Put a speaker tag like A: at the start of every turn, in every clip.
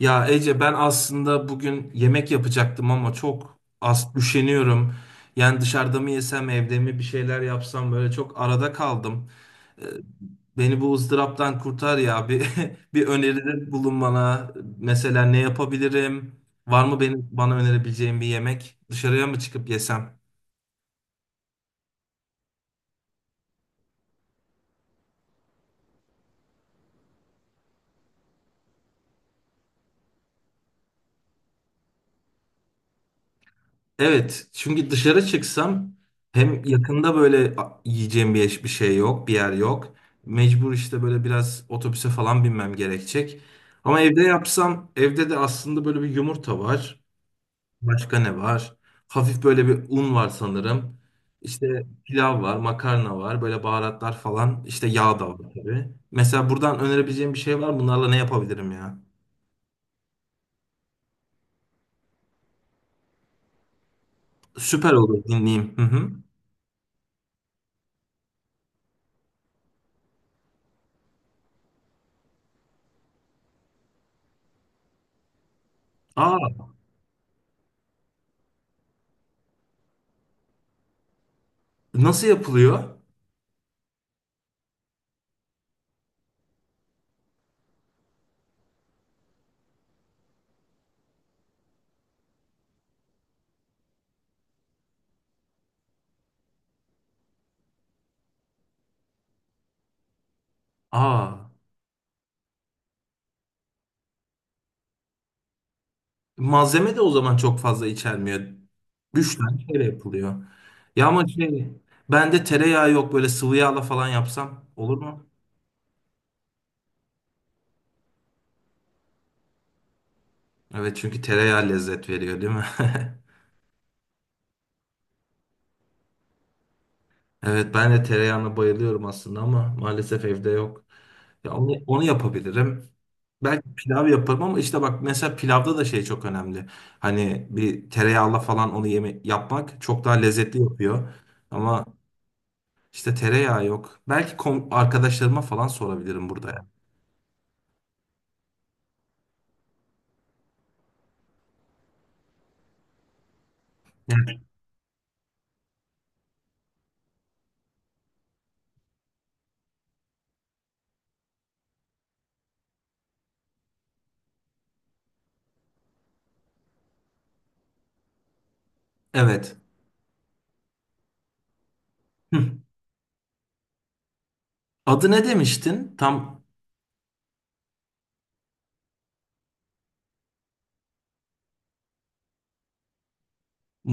A: Ya Ece ben aslında bugün yemek yapacaktım ama çok az üşeniyorum. Yani dışarıda mı yesem evde mi bir şeyler yapsam böyle çok arada kaldım. Ee, Beni bu ızdıraptan kurtar ya bir bir öneride bulun bana. Mesela ne yapabilirim? Var mı benim bana önerebileceğin bir yemek? Dışarıya mı çıkıp yesem? Evet, çünkü dışarı çıksam hem yakında böyle yiyeceğim bir, bir şey yok, bir yer yok. Mecbur işte böyle biraz otobüse falan binmem gerekecek. Ama evde yapsam, evde de aslında böyle bir yumurta var. Başka ne var? Hafif böyle bir un var sanırım. İşte pilav var, makarna var, böyle baharatlar falan. İşte yağ da var tabii. Mesela buradan önerebileceğim bir şey var mı? Bunlarla ne yapabilirim ya? Süper olur dinleyeyim. Hı hı. Aa, nasıl yapılıyor? Aa. Malzeme de o zaman çok fazla içermiyor. Üç tane kere yapılıyor. Ya ama şey, bende tereyağı yok, böyle sıvı yağla falan yapsam olur mu? Evet çünkü tereyağı lezzet veriyor değil mi? Evet ben de tereyağına bayılıyorum aslında ama maalesef evde yok. Ya onu yapabilirim. Belki pilav yaparım ama işte bak mesela pilavda da şey çok önemli. Hani bir tereyağla falan onu yeme yapmak çok daha lezzetli yapıyor. Ama İşte tereyağı yok. Belki arkadaşlarıma falan sorabilirim burada, ya. Yani, evet. Hı. Adı ne demiştin? Tam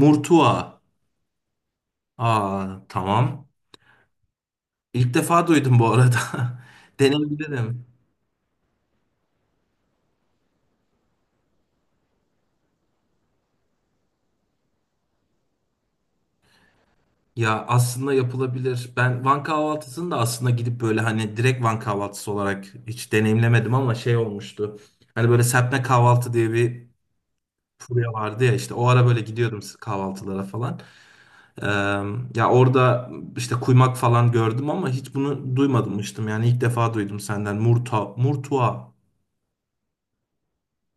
A: Murtua. Aa, tamam. İlk defa duydum bu arada. Deneyebilirim. Ya aslında yapılabilir. Ben Van kahvaltısını da aslında gidip böyle hani direkt Van kahvaltısı olarak hiç deneyimlemedim ama şey olmuştu. Hani böyle serpme kahvaltı diye bir furya vardı ya, işte o ara böyle gidiyordum kahvaltılara falan. Ee, Ya orada işte kuymak falan gördüm ama hiç bunu duymamıştım. Yani ilk defa duydum senden. Murta, murtua.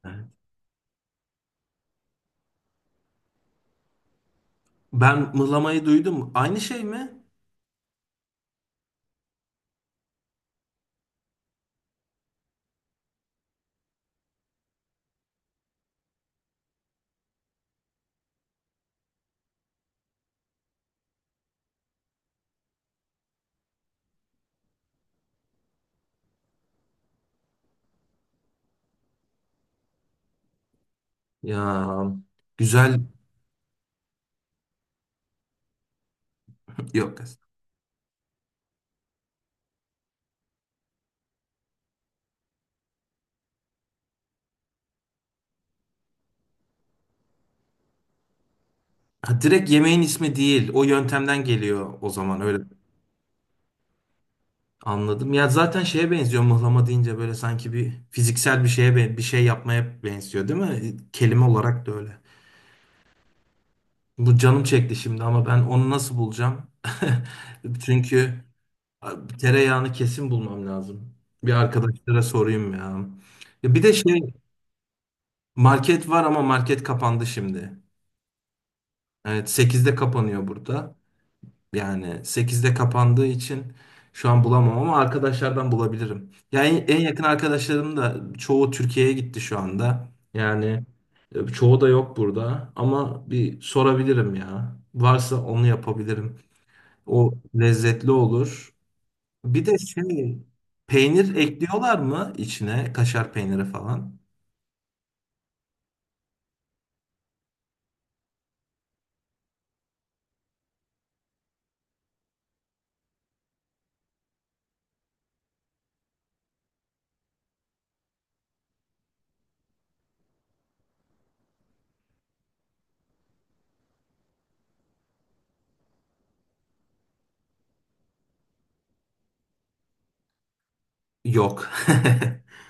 A: Evet. Ben mıhlamayı duydum. Aynı şey mi? Ya güzel. Yok. Ha, direkt yemeğin ismi değil. O yöntemden geliyor o zaman öyle. Anladım. Ya zaten şeye benziyor mıhlama deyince, böyle sanki bir fiziksel bir şeye bir şey yapmaya benziyor değil mi? Kelime olarak da öyle. Bu canım çekti şimdi ama ben onu nasıl bulacağım? Çünkü abi, tereyağını kesin bulmam lazım. Bir arkadaşlara sorayım ya. Ya bir de şey, market var ama market kapandı şimdi. Evet sekizde kapanıyor burada. Yani sekizde kapandığı için şu an bulamam ama arkadaşlardan bulabilirim. Yani en yakın arkadaşlarım da çoğu Türkiye'ye gitti şu anda. Yani çoğu da yok burada ama bir sorabilirim ya. Varsa onu yapabilirim. O lezzetli olur. Bir de şey, peynir ekliyorlar mı içine, kaşar peyniri falan? Yok.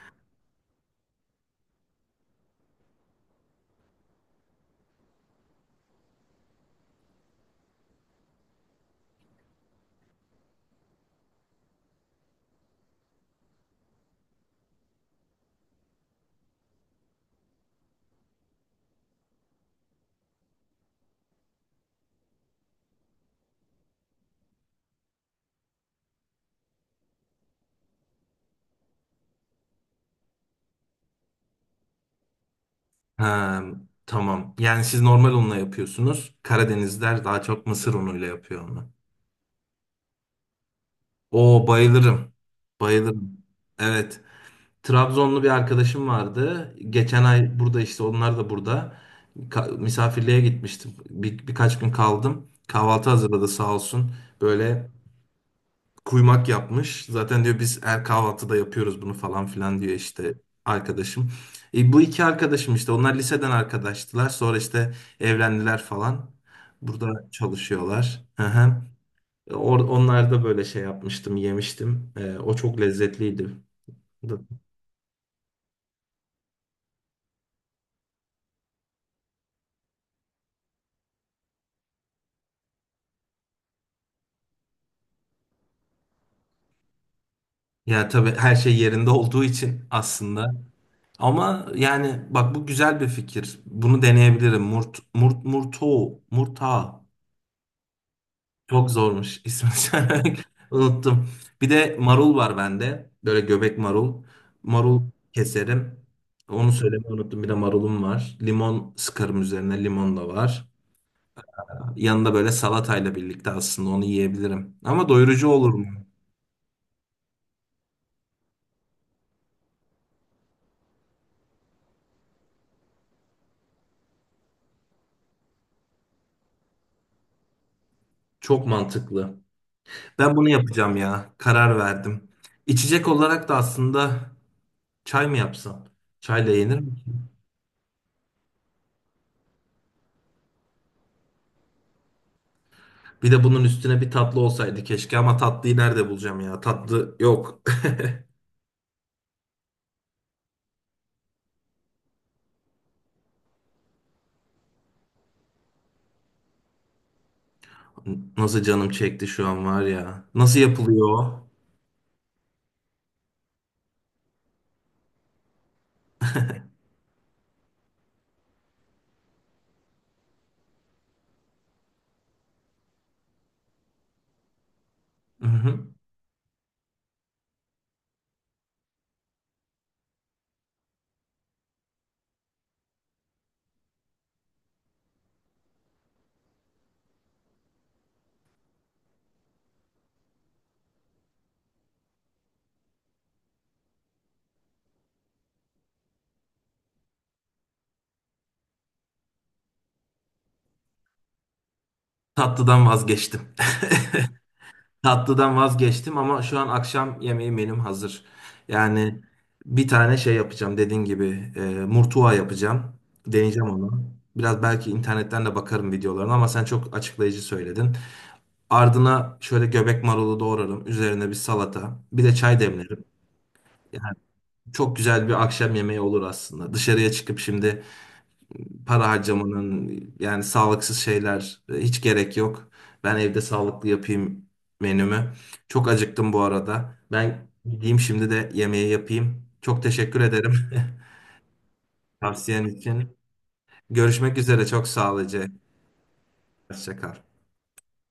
A: Ha, tamam. Yani siz normal unla yapıyorsunuz. Karadenizler daha çok mısır unuyla yapıyor onu. Oo bayılırım. Bayılırım. Evet. Trabzonlu bir arkadaşım vardı. Geçen ay burada, işte onlar da burada. Misafirliğe gitmiştim. Birkaç gün kaldım. Kahvaltı hazırladı sağ olsun. Böyle kuymak yapmış. Zaten diyor biz her kahvaltıda yapıyoruz bunu falan filan diyor işte arkadaşım. Bu iki arkadaşım işte onlar liseden arkadaştılar. Sonra işte evlendiler falan. Burada çalışıyorlar. Hı hı. Onlar da böyle şey yapmıştım, yemiştim. E, o çok lezzetliydi. Ya tabii her şey yerinde olduğu için aslında. Ama yani bak bu güzel bir fikir. Bunu deneyebilirim. Murt, murt, murto, murta. Çok zormuş ismi söylemek. Unuttum. Bir de marul var bende. Böyle göbek marul. Marul keserim. Onu söylemeyi unuttum. Bir de marulum var. Limon sıkarım üzerine. Limon da var. Yanında böyle salatayla birlikte aslında onu yiyebilirim. Ama doyurucu olur mu? Çok mantıklı. Ben bunu yapacağım ya. Karar verdim. İçecek olarak da aslında çay mı yapsam? Çayla yenir mi? Bir de bunun üstüne bir tatlı olsaydı keşke ama tatlıyı nerede bulacağım ya? Tatlı yok. Nasıl canım çekti şu an var ya. Nasıl yapılıyor o? Hı hı. Tatlıdan vazgeçtim. Tatlıdan vazgeçtim ama şu an akşam yemeği benim hazır. Yani bir tane şey yapacağım, dediğin gibi murtuva yapacağım. Deneyeceğim onu. Biraz belki internetten de bakarım videolarına ama sen çok açıklayıcı söyledin. Ardına şöyle göbek marulu doğrarım. Üzerine bir salata. Bir de çay demlerim. Yani çok güzel bir akşam yemeği olur aslında. Dışarıya çıkıp şimdi para harcamanın, yani sağlıksız şeyler, hiç gerek yok. Ben evde sağlıklı yapayım menümü. Çok acıktım bu arada. Ben gideyim şimdi de yemeği yapayım. Çok teşekkür ederim tavsiyen için. Görüşmek üzere. Çok sağ ol. Hoşça kal.